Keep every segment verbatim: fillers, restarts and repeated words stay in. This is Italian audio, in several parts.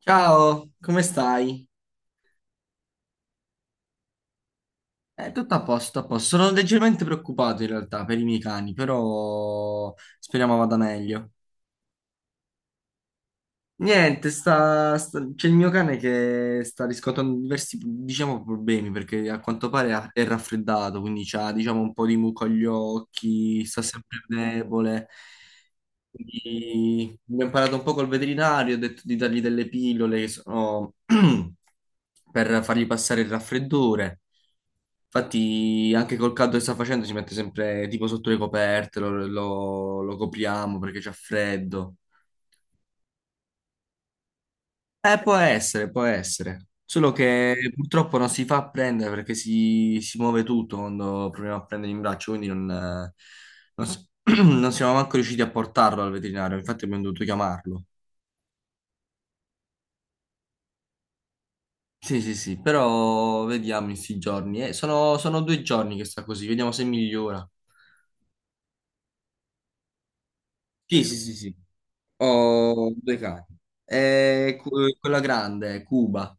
Ciao, come stai? Eh, tutto a posto, a posto. Sono leggermente preoccupato in realtà per i miei cani, però speriamo vada meglio. Niente, sta, sta- c'è il mio cane che sta riscontrando diversi, diciamo, problemi perché a quanto pare ha- è raffreddato, quindi ha, diciamo, un po' di muco agli occhi, sta sempre debole. Quindi mi ho imparato un po' col veterinario, ho detto di dargli delle pillole che sono per fargli passare il raffreddore. Infatti, anche col caldo che sta facendo, si mette sempre tipo sotto le coperte, lo, lo- lo copriamo perché c'è freddo. Eh, può essere, può essere. Solo che purtroppo non si fa prendere perché si, si muove tutto quando proviamo a prendere in braccio, quindi non, eh, non s- non siamo manco riusciti a portarlo al veterinario, infatti abbiamo dovuto chiamarlo. Sì, sì, sì, però vediamo in sti giorni. eh. sono, sono due giorni che sta così, vediamo se migliora. Sì, sì, sì, sì. Ho due cani. Eh, cu- quella grande, Cuba,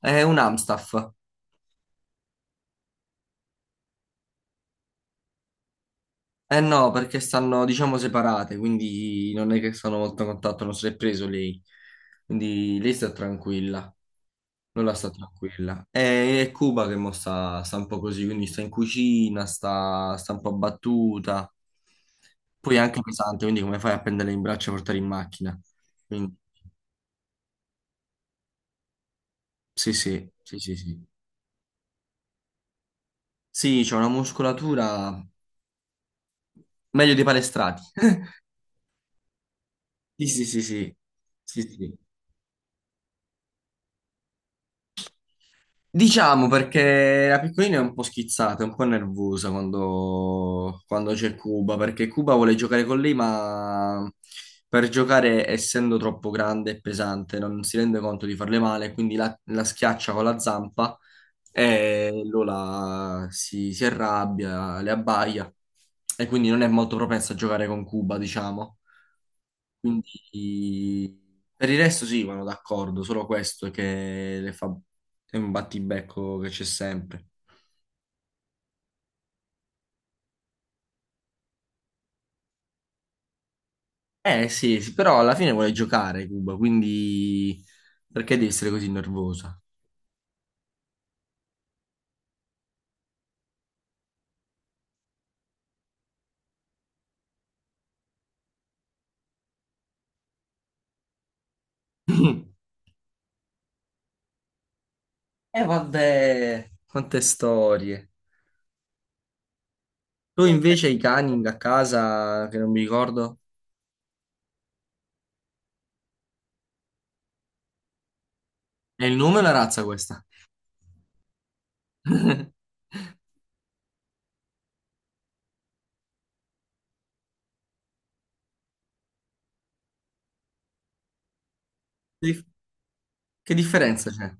è un Amstaff. Eh no, perché stanno, diciamo, separate, quindi non è che sono molto a contatto, non si è preso lei. Quindi lei sta tranquilla. Non la sta tranquilla. È, è Cuba che mo sta, sta un po' così, quindi sta in cucina, sta, sta un po' abbattuta. Poi è anche pesante, quindi come fai a prendere in braccio e portare in macchina? Quindi, sì, sì, sì, sì, sì. Sì, c'è una muscolatura meglio dei palestrati. Sì, sì, sì, sì. Sì, sì. Diciamo perché la piccolina è un po' schizzata, è un po' nervosa quando, quando c'è Cuba, perché Cuba vuole giocare con lei, ma per giocare, essendo troppo grande e pesante, non si rende conto di farle male, quindi la, la schiaccia con la zampa e Lola si, si arrabbia, le abbaia e quindi non è molto propensa a giocare con Cuba, diciamo. Quindi per il resto sì, vanno d'accordo, solo questo che le fa... È un battibecco che c'è sempre. Eh sì, sì, però alla fine vuole giocare Cuba, quindi perché devi essere così nervosa? Eh vabbè, quante storie. Tu invece i cani a casa, che non mi ricordo. È il nome o la razza questa? Che dif- che differenza c'è?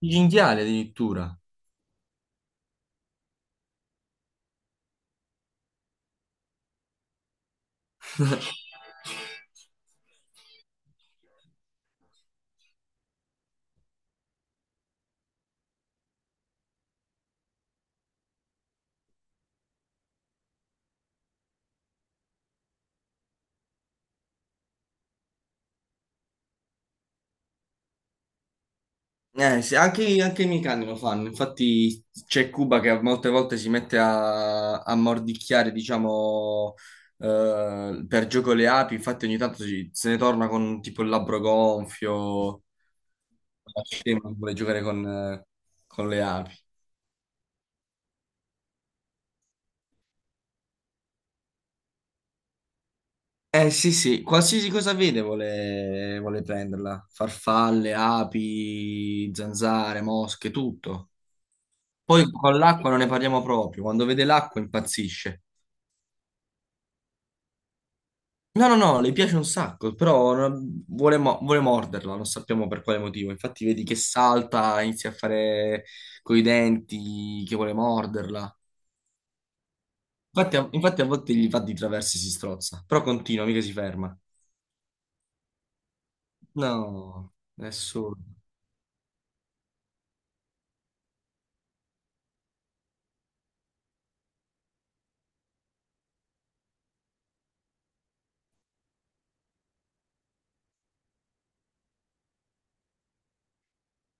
Il cinghiale addirittura. Eh, sì, anche, anche i miei cani lo fanno, infatti c'è Cuba che molte volte si mette a, a mordicchiare, diciamo, eh, per gioco le api, infatti ogni tanto si- se ne torna con tipo il labbro gonfio, scemo, vuole giocare con, eh, con le api. Eh sì sì, qualsiasi cosa vede vuole, vuole prenderla, farfalle, api, zanzare, mosche, tutto. Poi con l'acqua non ne parliamo proprio, quando vede l'acqua impazzisce. No, no, no, le piace un sacco, però non- vuole, mo- vuole morderla, non sappiamo per quale motivo. Infatti vedi che salta, inizia a fare coi denti, che vuole morderla. Infatti a, infatti a volte gli va di traverso e si strozza, però continua, mica si ferma. No, nessuno.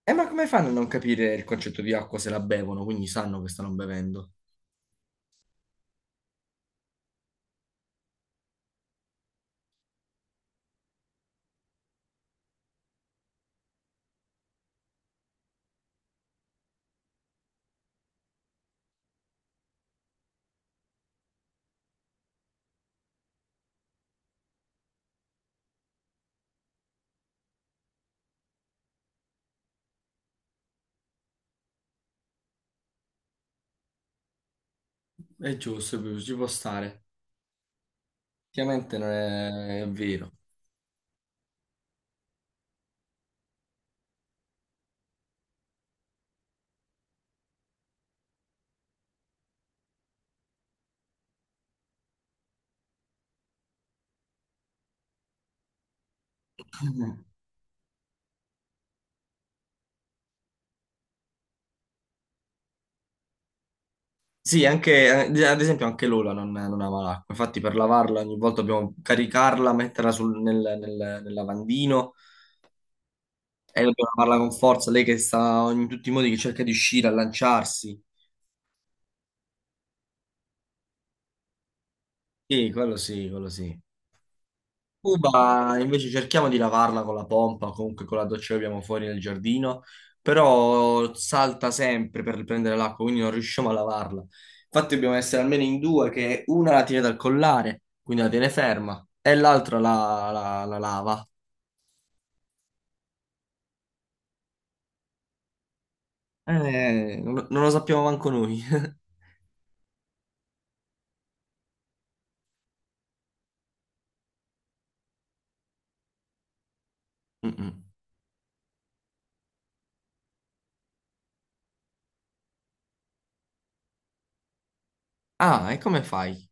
E ma come fanno a non capire il concetto di acqua se la bevono, quindi sanno che stanno bevendo? È giusto, è giusto, ci può stare. Ovviamente non è è vero. Sì, anche, eh, ad esempio anche Lola non, non ama l'acqua, infatti per lavarla ogni volta dobbiamo caricarla, metterla sul- nel, nel- nel lavandino e dobbiamo lavarla con forza, lei che sta in tutti i modi che cerca di uscire, a lanciarsi. Sì, quello sì, quello sì. Cuba invece cerchiamo di lavarla con la pompa, comunque con la doccia che abbiamo fuori nel giardino, però salta sempre per prendere l'acqua, quindi non riusciamo a lavarla. Infatti dobbiamo essere almeno in due, che una la tiene dal collare, quindi la tiene ferma, e l'altra la, la- la lava. Eh, non, non lo sappiamo manco noi. Mm-mm. Ah, e come fai?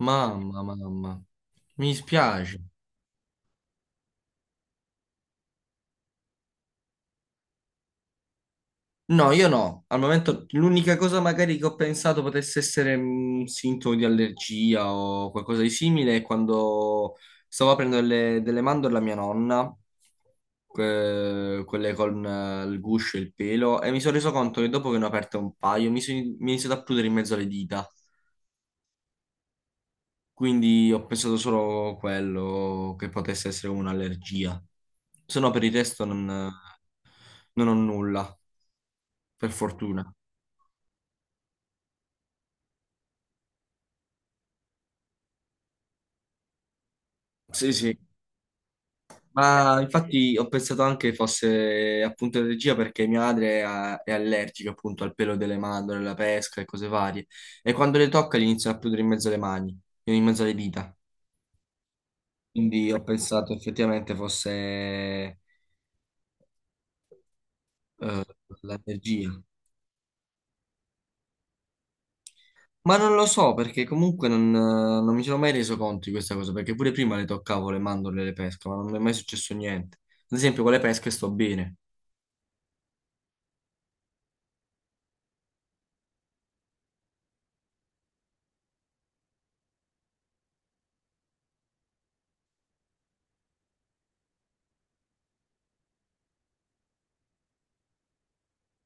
Mamma, mamma, mi dispiace. No, io no. Al momento l'unica cosa magari che ho pensato potesse essere un sintomo di allergia o qualcosa di simile è quando stavo aprendo delle, delle mandorle a mia nonna, que- quelle con eh, il guscio e il pelo, e mi sono reso conto che dopo che ne ho aperte un paio mi, sono- mi è iniziato a prudere in mezzo alle dita. Quindi ho pensato solo quello che potesse essere un'allergia. Se no per il resto non non ho nulla, per fortuna. Sì, sì. Ma infatti ho pensato anche fosse appunto allergia perché mia madre è, a- è allergica appunto al pelo delle mandorle, alla pesca e cose varie. E quando le tocca gli iniziano a prudere in mezzo alle mani, in mezzo alle dita. Quindi ho pensato effettivamente fosse eh, l'allergia. Ma non lo so perché comunque non, non mi sono mai reso conto di questa cosa perché pure prima le toccavo le mandorle e le pesche, ma non mi è mai successo niente. Ad esempio con le pesche sto bene.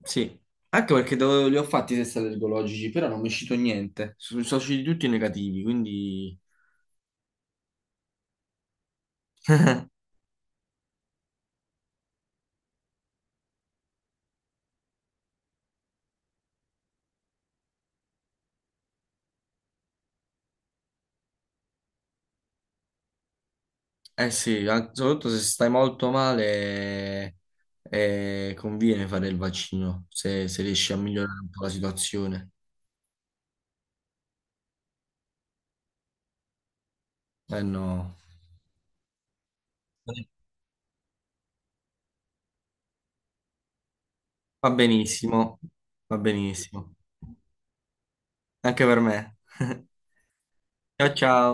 Sì, anche perché do- li ho fatti i test allergologici, però non mi è uscito niente. Sono, sono usciti tutti negativi, quindi... Eh sì, an- soprattutto se stai molto male, eh, conviene fare il vaccino, se, se riesci a migliorare un po' la situazione. Eh no, va benissimo, va benissimo. Anche per me. Ciao ciao.